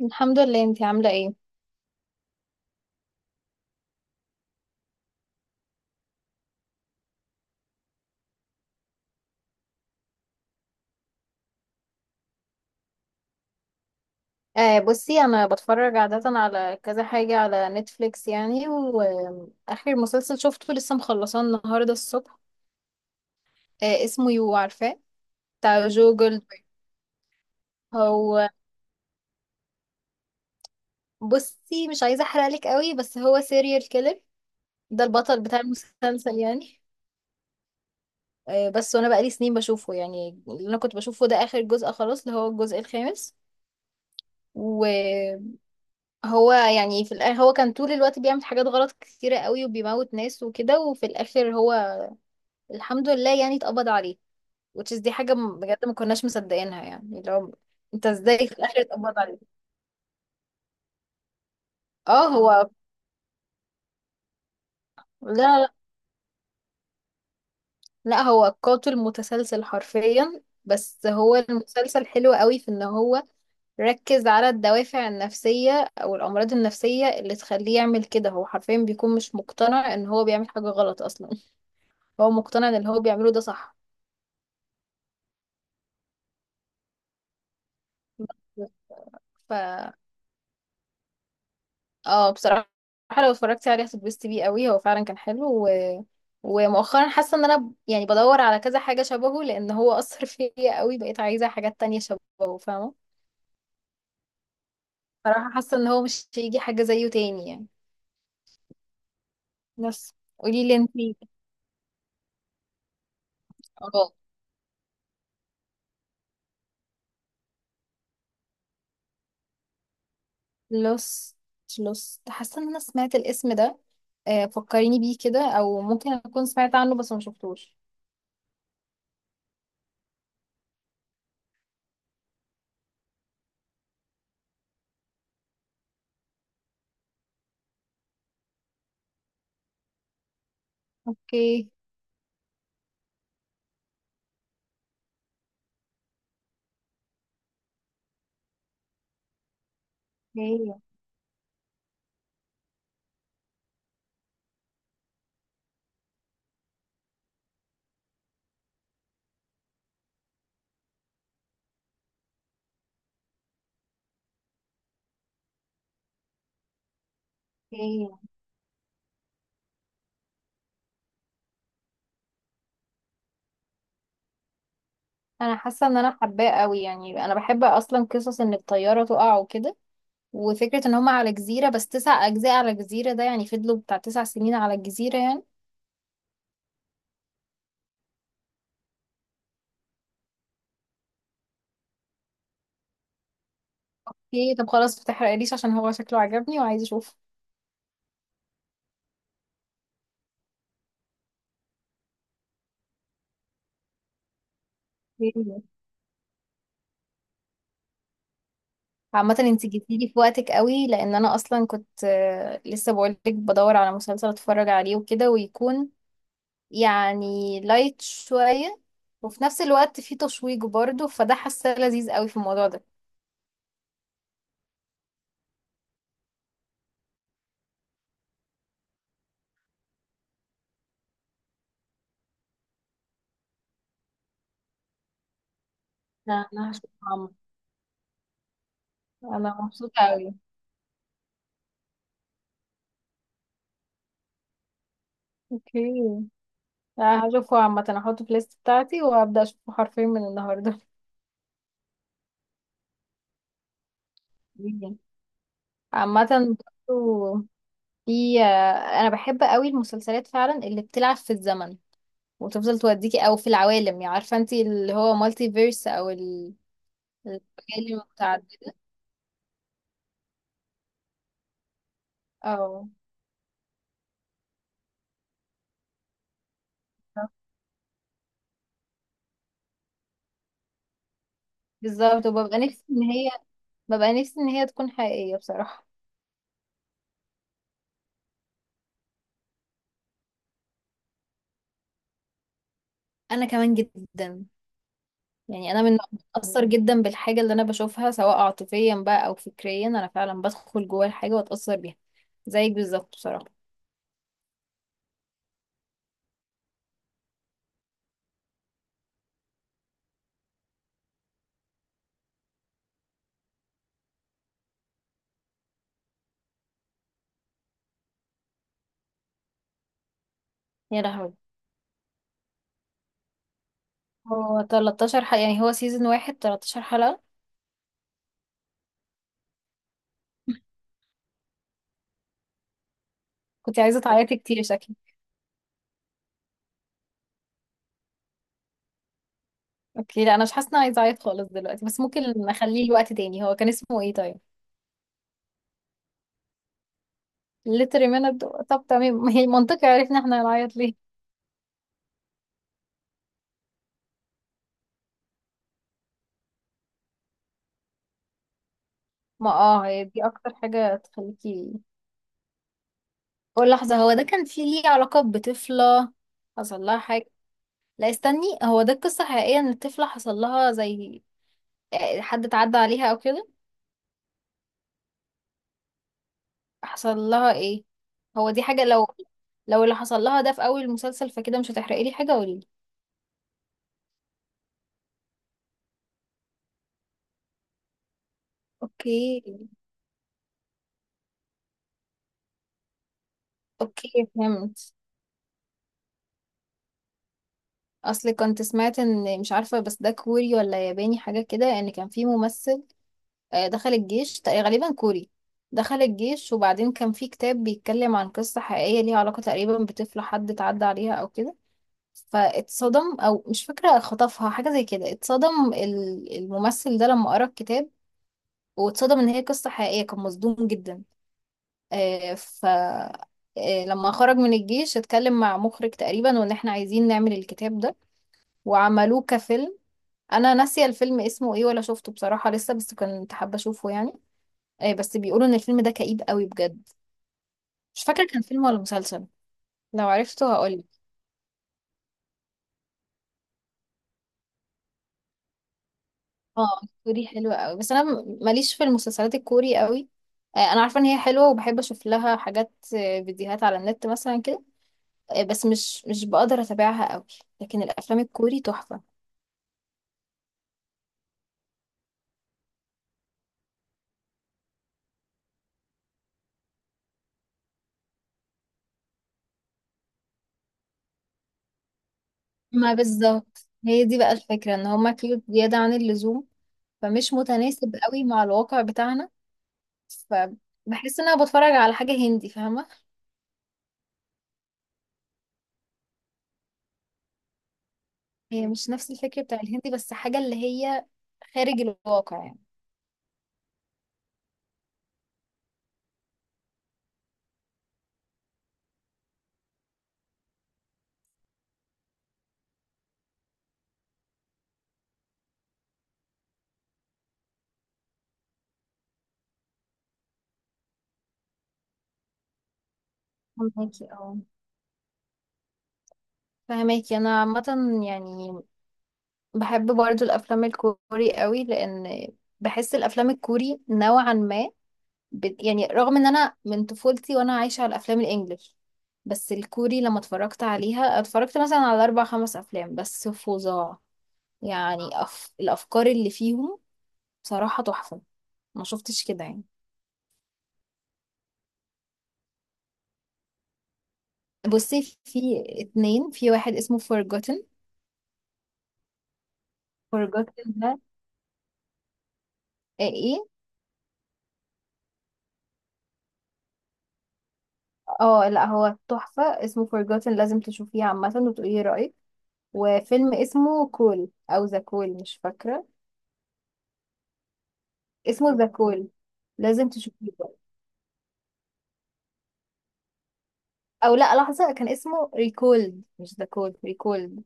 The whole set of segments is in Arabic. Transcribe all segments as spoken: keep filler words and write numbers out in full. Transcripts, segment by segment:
الحمد لله، انتي عاملة ايه؟ آه بصي انا بتفرج عادة على كذا حاجة على نتفليكس، يعني واخر مسلسل شفته لسه مخلصاه النهاردة الصبح. آه اسمه يو، عارفاه؟ بتاع جو جولدبرج. هو بصي، مش عايزة احرقلك قوي، بس هو سيريال كيلر. ده البطل بتاع المسلسل يعني. آه بس وانا بقالي سنين بشوفه، يعني اللي انا كنت بشوفه ده اخر جزء خلاص، اللي هو الجزء الخامس. هو يعني في الآخر، هو كان طول الوقت بيعمل حاجات غلط كتيرة قوي وبيموت ناس وكده، وفي الآخر هو الحمد لله يعني اتقبض عليه. Which is دي حاجة م- بجد ما كناش مصدقينها، يعني اللي هو انت ازاي في الآخر اتقبض عليه. اه، هو لا، لا، لا، هو قاتل متسلسل حرفيا، بس هو المسلسل حلو قوي في ان هو ركز على الدوافع النفسية او الأمراض النفسية اللي تخليه يعمل كده. هو حرفيا بيكون مش مقتنع ان هو بيعمل حاجة غلط اصلا. هو مقتنع ان اللي هو بيعمله ده صح. ف اه بصراحة، لو اتفرجتي عليه هتتبسطي بيه قوي، هو فعلا كان حلو و... ومؤخرا حاسة ان انا ب- يعني بدور على كذا حاجة شبهه، لان هو اثر فيا قوي، بقيت عايزة حاجات تانية شبهه، فاهمة؟ بصراحة حاسة ان هو مش هيجي حاجة زيه تاني يعني. بس قولي لي انتي. اه، لوست. لوست، حاسة ان انا سمعت الاسم ده. آه، فكريني بيه كده، او ممكن اكون سمعت عنه بس ما شفتوش. اوكي. اوكي. اوكي، انا حاسه ان انا حباه قوي، يعني انا بحب اصلا قصص ان الطياره تقع وكده، وفكره ان هم على جزيره. بس تسع اجزاء على جزيره، ده يعني فضلوا بتاع تسع سنين على الجزيره يعني. ايه طب خلاص، متحرقليش عشان هو شكله عجبني وعايزه اشوف. عامه انت جيتيلي في وقتك قوي، لان انا اصلا كنت آه، لسه بقولك بدور على مسلسل اتفرج عليه وكده، ويكون يعني لايت شويه، وفي نفس الوقت فيه تشويق برضه، فده حاسه لذيذ قوي في الموضوع ده. لا انا هشوف عمرو. انا مبسوطه قوي. اوكي، انا هشوفه عامة، هحطه في الليست بتاعتي وهبدأ اشوفه حرفيا من النهاردة. مم. عامة برضه، في انا بحب قوي المسلسلات فعلا اللي بتلعب في الزمن، وتفضل توديكي او في العوالم، يعني عارفة انت اللي هو مالتي فيرس او ال- العوالم المتعددة. اه بالظبط، وببقى نفسي ان هي، ببقى نفسي ان هي تكون حقيقية بصراحة. انا كمان جدا، يعني انا من اتاثر جدا بالحاجه اللي انا بشوفها، سواء عاطفيا بقى او فكريا، انا فعلا بدخل جوه الحاجه واتاثر بيها، زيك بالظبط بصراحه. يا لهوي، هو تلتاشر حلقه؟ يعني هو سيزون واحد تلتاشر حلقه؟ كنت عايزه تعيطي كتير شكلي. اوكي، لا انا مش حاسه إن انا عايزه اعيط خالص دلوقتي، بس ممكن نخليه لوقت تاني. هو كان اسمه ايه طيب؟ ليتر ميند، طب تمام ما هي منطقي عرفنا احنا هنعيط ليه. ما اه، هي دي اكتر حاجه تخليكي. قول لحظه، هو ده كان فيه ليه علاقه بطفله؟ حصل لها حاجه؟ لا استني، هو ده القصة حقيقية ان الطفلة حصل لها زي حد اتعدى عليها او كده؟ حصل لها ايه؟ هو دي حاجة لو، لو اللي حصل لها ده في اول المسلسل فكده مش هتحرقي لي حاجة، قولي لي. اوكي. اوكي فهمت. اصل كنت سمعت ان، مش عارفة بس ده كوري ولا ياباني حاجة كده، ان كان في ممثل آه، دخل الجيش، تق- غالبا كوري. دخل الجيش وبعدين كان في كتاب بيتكلم عن قصة حقيقية ليها علاقة تقريبا بطفلة حد اتعدى عليها او كده، فاتصدم، او مش فاكره خطفها حاجه زي كده، اتصدم ال- الممثل ده لما قرا الكتاب، واتصدم ان هي قصه حقيقيه، كان مصدوم جدا. آه، ف آه، لما خرج من الجيش اتكلم مع مخرج تقريبا وان احنا عايزين نعمل الكتاب ده، وعملوه كفيلم. انا ناسيه الفيلم اسمه ايه، ولا شفته بصراحه لسه، بس كنت حابه اشوفه يعني. آه، بس بيقولوا ان الفيلم ده كئيب قوي بجد. مش فاكره كان فيلم ولا مسلسل، لو عرفته هقولك. اه الكوري حلوة قوي، بس انا م- ماليش في المسلسلات الكوري قوي. آه، انا عارفه ان هي حلوه وبحب اشوف لها حاجات، آه، فيديوهات على النت مثلا كده، آه، بس مش مش بقدر اتابعها قوي. لكن الافلام الكوري تحفه. ما بالظبط، هي دي بقى الفكره ان هما كيوت زياده عن اللزوم، فمش متناسب قوي مع الواقع بتاعنا، فبحس ان انا بتفرج على حاجه هندي، فاهمه؟ هي مش نفس الفكره بتاع الهندي، بس حاجه اللي هي خارج الواقع يعني. فهماكي اه فهماكي انا عامه، يعني بحب برضو الافلام الكوري قوي، لان بحس الافلام الكوري نوعا ما بت... يعني رغم ان انا من طفولتي وانا عايشه على الافلام الانجليش، بس الكوري لما اتفرجت عليها، اتفرجت مثلا على اربع خمس افلام بس فظاع يعني، أف... الافكار اللي فيهم بصراحه تحفه، ما شفتش كده يعني. بصي في اتنين، في واحد اسمه Forgotten. Forgotten ده، آه، ايه. اه لا هو تحفه اسمه Forgotten، لازم تشوفيه عامه وتقولي رايك. وفيلم اسمه كول او ذا كول، مش فاكره اسمه، ذا كول، لازم تشوفيه بقى. او لا لحظه، كان اسمه ريكولد مش ذا كول، ريكولد.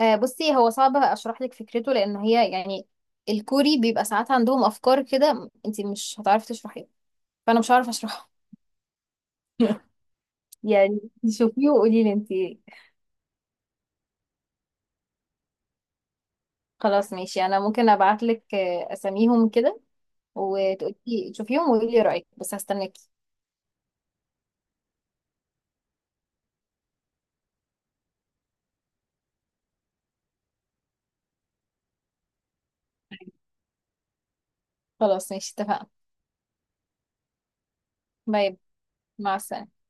آه بصي هو صعب اشرح لك فكرته، لان هي يعني، الكوري بيبقى ساعات عندهم افكار كده انت مش هتعرفي تشرحيها، فانا مش هعرف اشرحها يعني شوفيه وقولي لي انت. خلاص ماشي، انا ممكن ابعت لك آه، اساميهم كده، وتقولي شوفيهم وقولي لي رايك، بس هستناكي. خلاص ماشي اتفقنا. باي. مع السلامه.